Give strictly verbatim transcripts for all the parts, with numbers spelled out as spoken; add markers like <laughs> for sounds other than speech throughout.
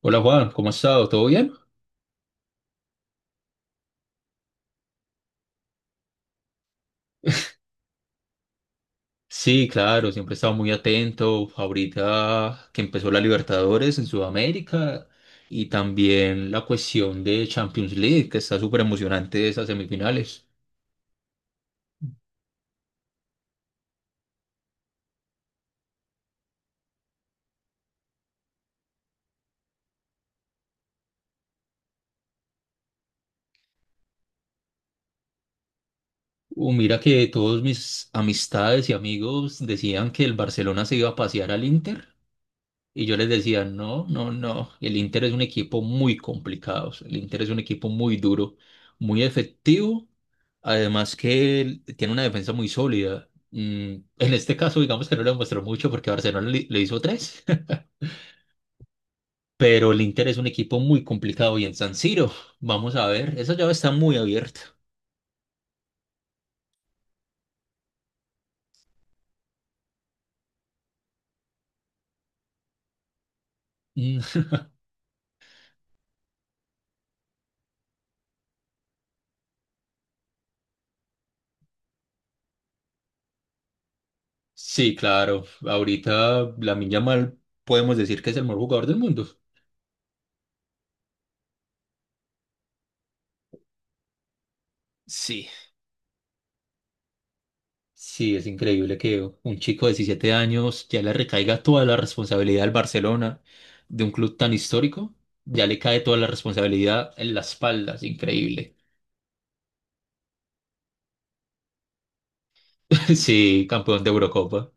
Hola Juan, ¿cómo has estado? ¿Todo bien? Sí, claro, siempre he estado muy atento. Ahorita que empezó la Libertadores en Sudamérica y también la cuestión de Champions League, que está súper emocionante esas semifinales. Uh, mira que todos mis amistades y amigos decían que el Barcelona se iba a pasear al Inter. Y yo les decía, no, no, no, el Inter es un equipo muy complicado, o sea, el Inter es un equipo muy duro, muy efectivo, además que él tiene una defensa muy sólida. Mm, En este caso, digamos que no lo demostró mucho porque Barcelona le, le hizo tres. <laughs> Pero el Inter es un equipo muy complicado y en San Siro, vamos a ver, esa llave está muy abierta. Mm. <laughs> Sí, claro, ahorita Lamine Yamal podemos decir que es el mejor jugador del mundo. Sí, sí, es increíble que un chico de diecisiete años ya le recaiga toda la responsabilidad al Barcelona de un club tan histórico. Ya le cae toda la responsabilidad en las espaldas, increíble. <laughs> Sí, campeón de Eurocopa.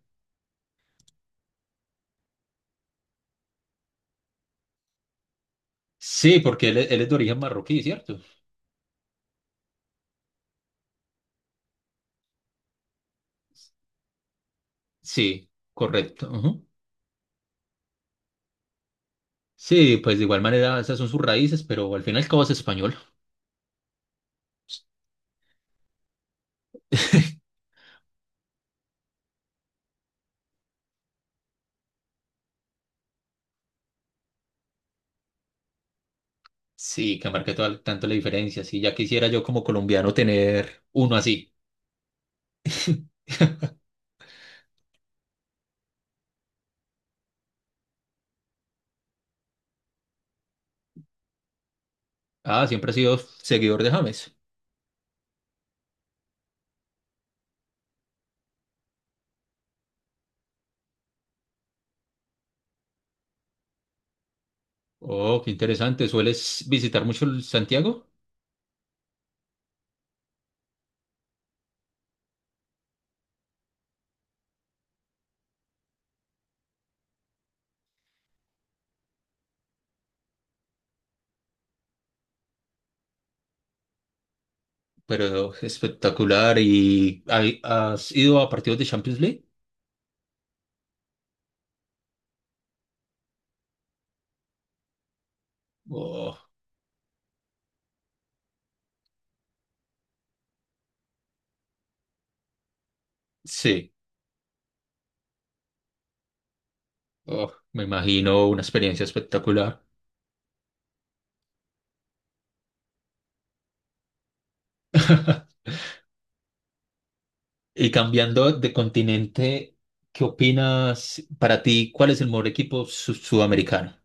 Sí, porque él, es él es de origen marroquí, ¿cierto? Sí, correcto. Ujú. Sí, pues de igual manera esas son sus raíces, pero al final cabo es español. <laughs> Sí, que marque toda- tanto la diferencia. Sí, ya quisiera yo como colombiano tener uno así. Ah, siempre he sido seguidor de James. Oh, qué interesante. ¿Sueles visitar mucho el Santiago? Pero espectacular. ¿Y hay- has ido a partidos de Champions League? Oh, sí. Oh, me imagino una experiencia espectacular. <laughs> Y cambiando de continente, ¿qué opinas para ti? ¿Cuál es el mejor equipo su- sudamericano?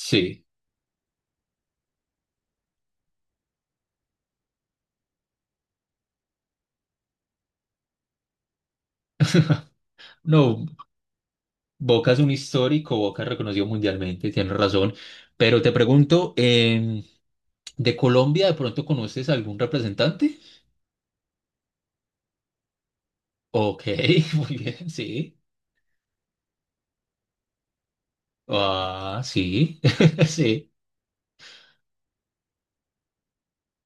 Sí. No, Boca es un histórico, Boca es reconocido mundialmente, tienes razón. Pero te pregunto, em, ¿de Colombia de pronto conoces algún representante? Ok, <laughs> muy bien, sí. Ah, sí, <laughs> sí.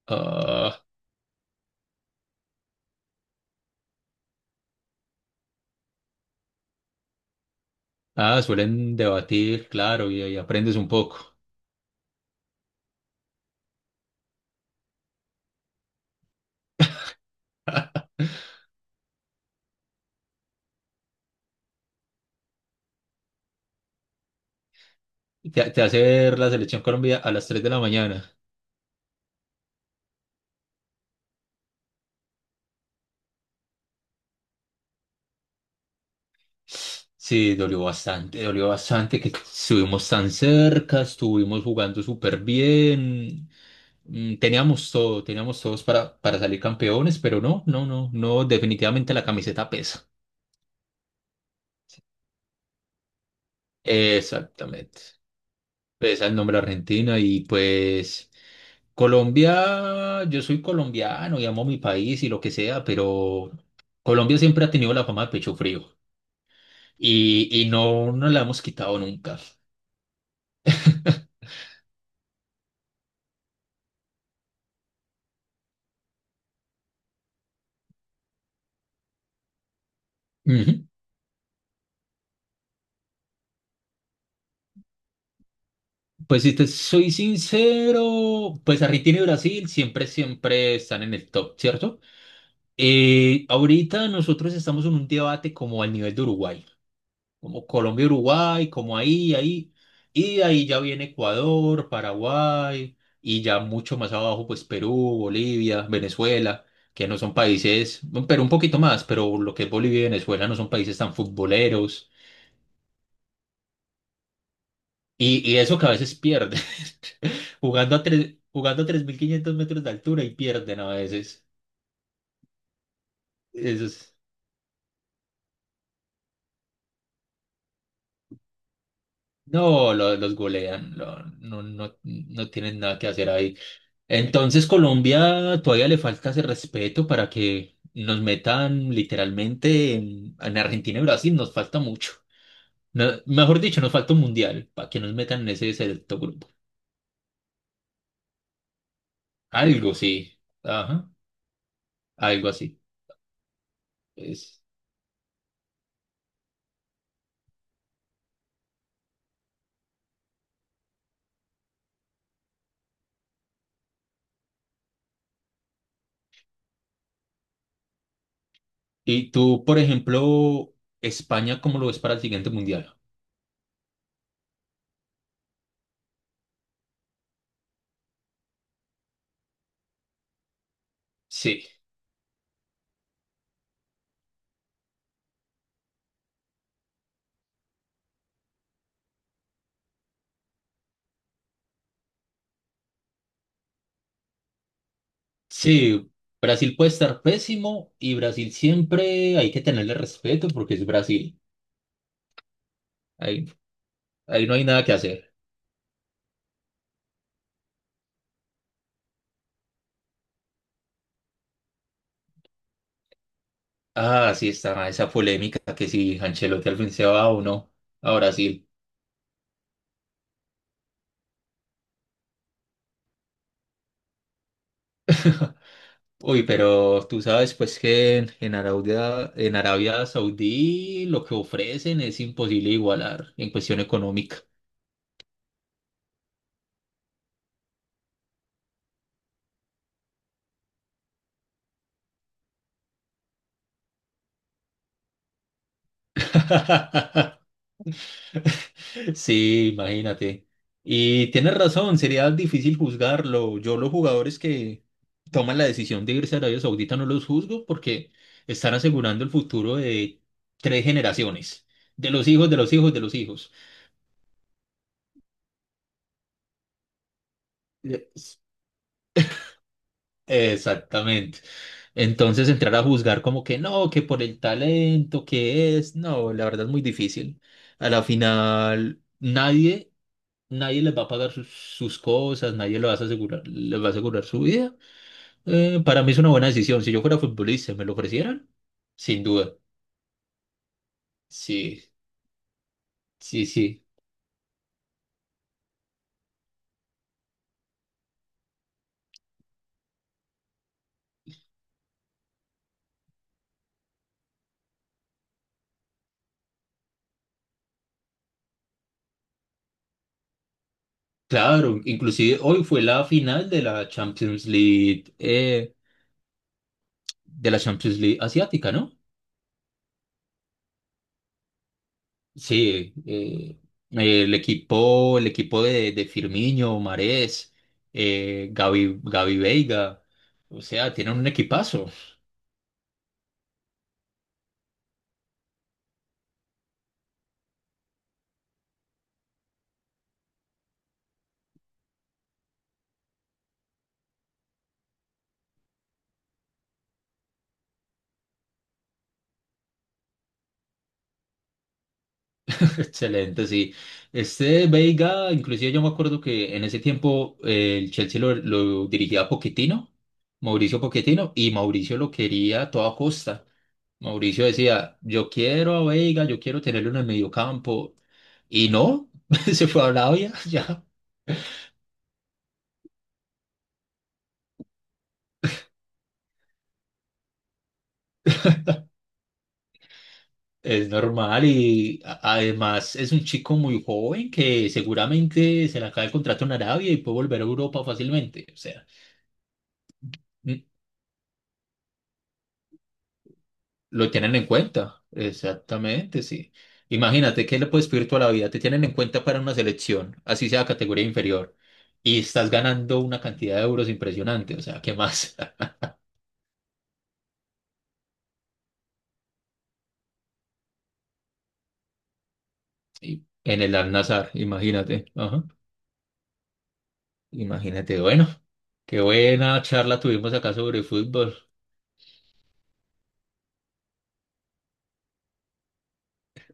Ah, ah, suelen debatir, claro, y, y aprendes un poco. Te, te hace ver la selección Colombia a las tres de la mañana. Sí, dolió bastante, dolió bastante que estuvimos tan cerca, estuvimos jugando súper bien. Mm, Teníamos todo, teníamos todos para, para salir campeones, pero no, no, no, no, definitivamente la camiseta pesa. Exactamente. Pesa el nombre Argentina y pues. Colombia, yo soy colombiano y amo mi país y lo que sea, pero Colombia siempre ha tenido la fama de pecho frío y, y no nos la hemos quitado nunca. <laughs> Ujú. Pues si te soy sincero, pues Argentina y Brasil siempre, siempre están en el top, ¿cierto? Eh, ahorita nosotros estamos en un debate como al nivel de Uruguay. Como Colombia, Uruguay, como ahí, ahí, y de ahí ya viene Ecuador, Paraguay, y ya mucho más abajo, pues Perú, Bolivia, Venezuela, que no son países, bueno, pero un poquito más, pero lo que es Bolivia y Venezuela no son países tan futboleros, y, y eso que a veces pierden. <laughs> Jugando a tres, jugando a tres mil quinientos metros de altura y pierden a veces. eso es- No, lo- los golean. Lo- no, no, no tienen nada que hacer ahí. Entonces Colombia todavía le falta ese respeto para que nos metan literalmente en, en, Argentina y Brasil, nos falta mucho. No- mejor dicho, nos falta un mundial para que nos metan en ese selecto grupo. Algo sí, ajá, algo así. Es- Y tú, por ejemplo, España, ¿cómo lo ves para el siguiente mundial? Sí, sí, Brasil puede estar pésimo y Brasil siempre hay que tenerle respeto porque es Brasil. Ahí, ahí no hay nada que hacer. Ah, sí, está esa polémica que si Ancelotti al fin se va o no a Brasil. Uy, pero tú sabes pues que en, en Arabia, en Arabia Saudí lo que ofrecen es imposible igualar en cuestión económica. <laughs> Sí, imagínate. Y tienes razón, sería difícil juzgarlo. Yo los jugadores que toman la decisión de irse a Arabia Saudita no los juzgo porque están asegurando el futuro de tres generaciones, de los hijos, de los hijos, de los hijos. Yes. Exactamente. Entonces entrar a juzgar como que no, que por el talento, que es, no, la verdad es muy difícil. A la final, nadie, nadie les va a pagar sus, sus cosas, nadie les va a asegurar, les va a asegurar su vida. Eh, para mí es una buena decisión. Si yo fuera futbolista y me lo ofrecieran, sin duda. Sí, sí, sí. Claro, inclusive hoy fue la final de la Champions League, eh, de la Champions League asiática, ¿no? Sí, eh, el equipo, el equipo de, de Firmino, Marés, eh, Gavi, Gavi Veiga, o sea, tienen un equipazo. <laughs> Excelente, sí. Este Veiga, inclusive yo me acuerdo que en ese tiempo eh, el Chelsea lo, lo dirigía Pochettino, Mauricio Pochettino, y Mauricio lo quería a toda costa. Mauricio decía, yo quiero a Veiga, yo quiero tenerlo en el mediocampo, y no, <laughs> se fue a Arabia. <laughs> Ya. Es normal y a- además es un chico muy joven que seguramente se le acaba el contrato en Arabia y puede volver a Europa fácilmente. O sea, mm, lo tienen en cuenta. Exactamente, sí. Imagínate que le puedes pedir toda la vida. Te tienen en cuenta para una selección, así sea categoría inferior, y estás ganando una cantidad de euros impresionante. O sea, ¿qué más? <laughs> Y en el Al-Nassr, imagínate. Ajá. Imagínate, bueno. Qué buena charla tuvimos acá sobre fútbol.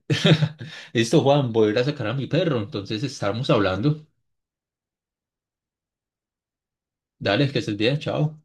<laughs> Listo, Juan, voy a ir a sacar a mi perro. Entonces estamos hablando. Dale, que estés bien, chao.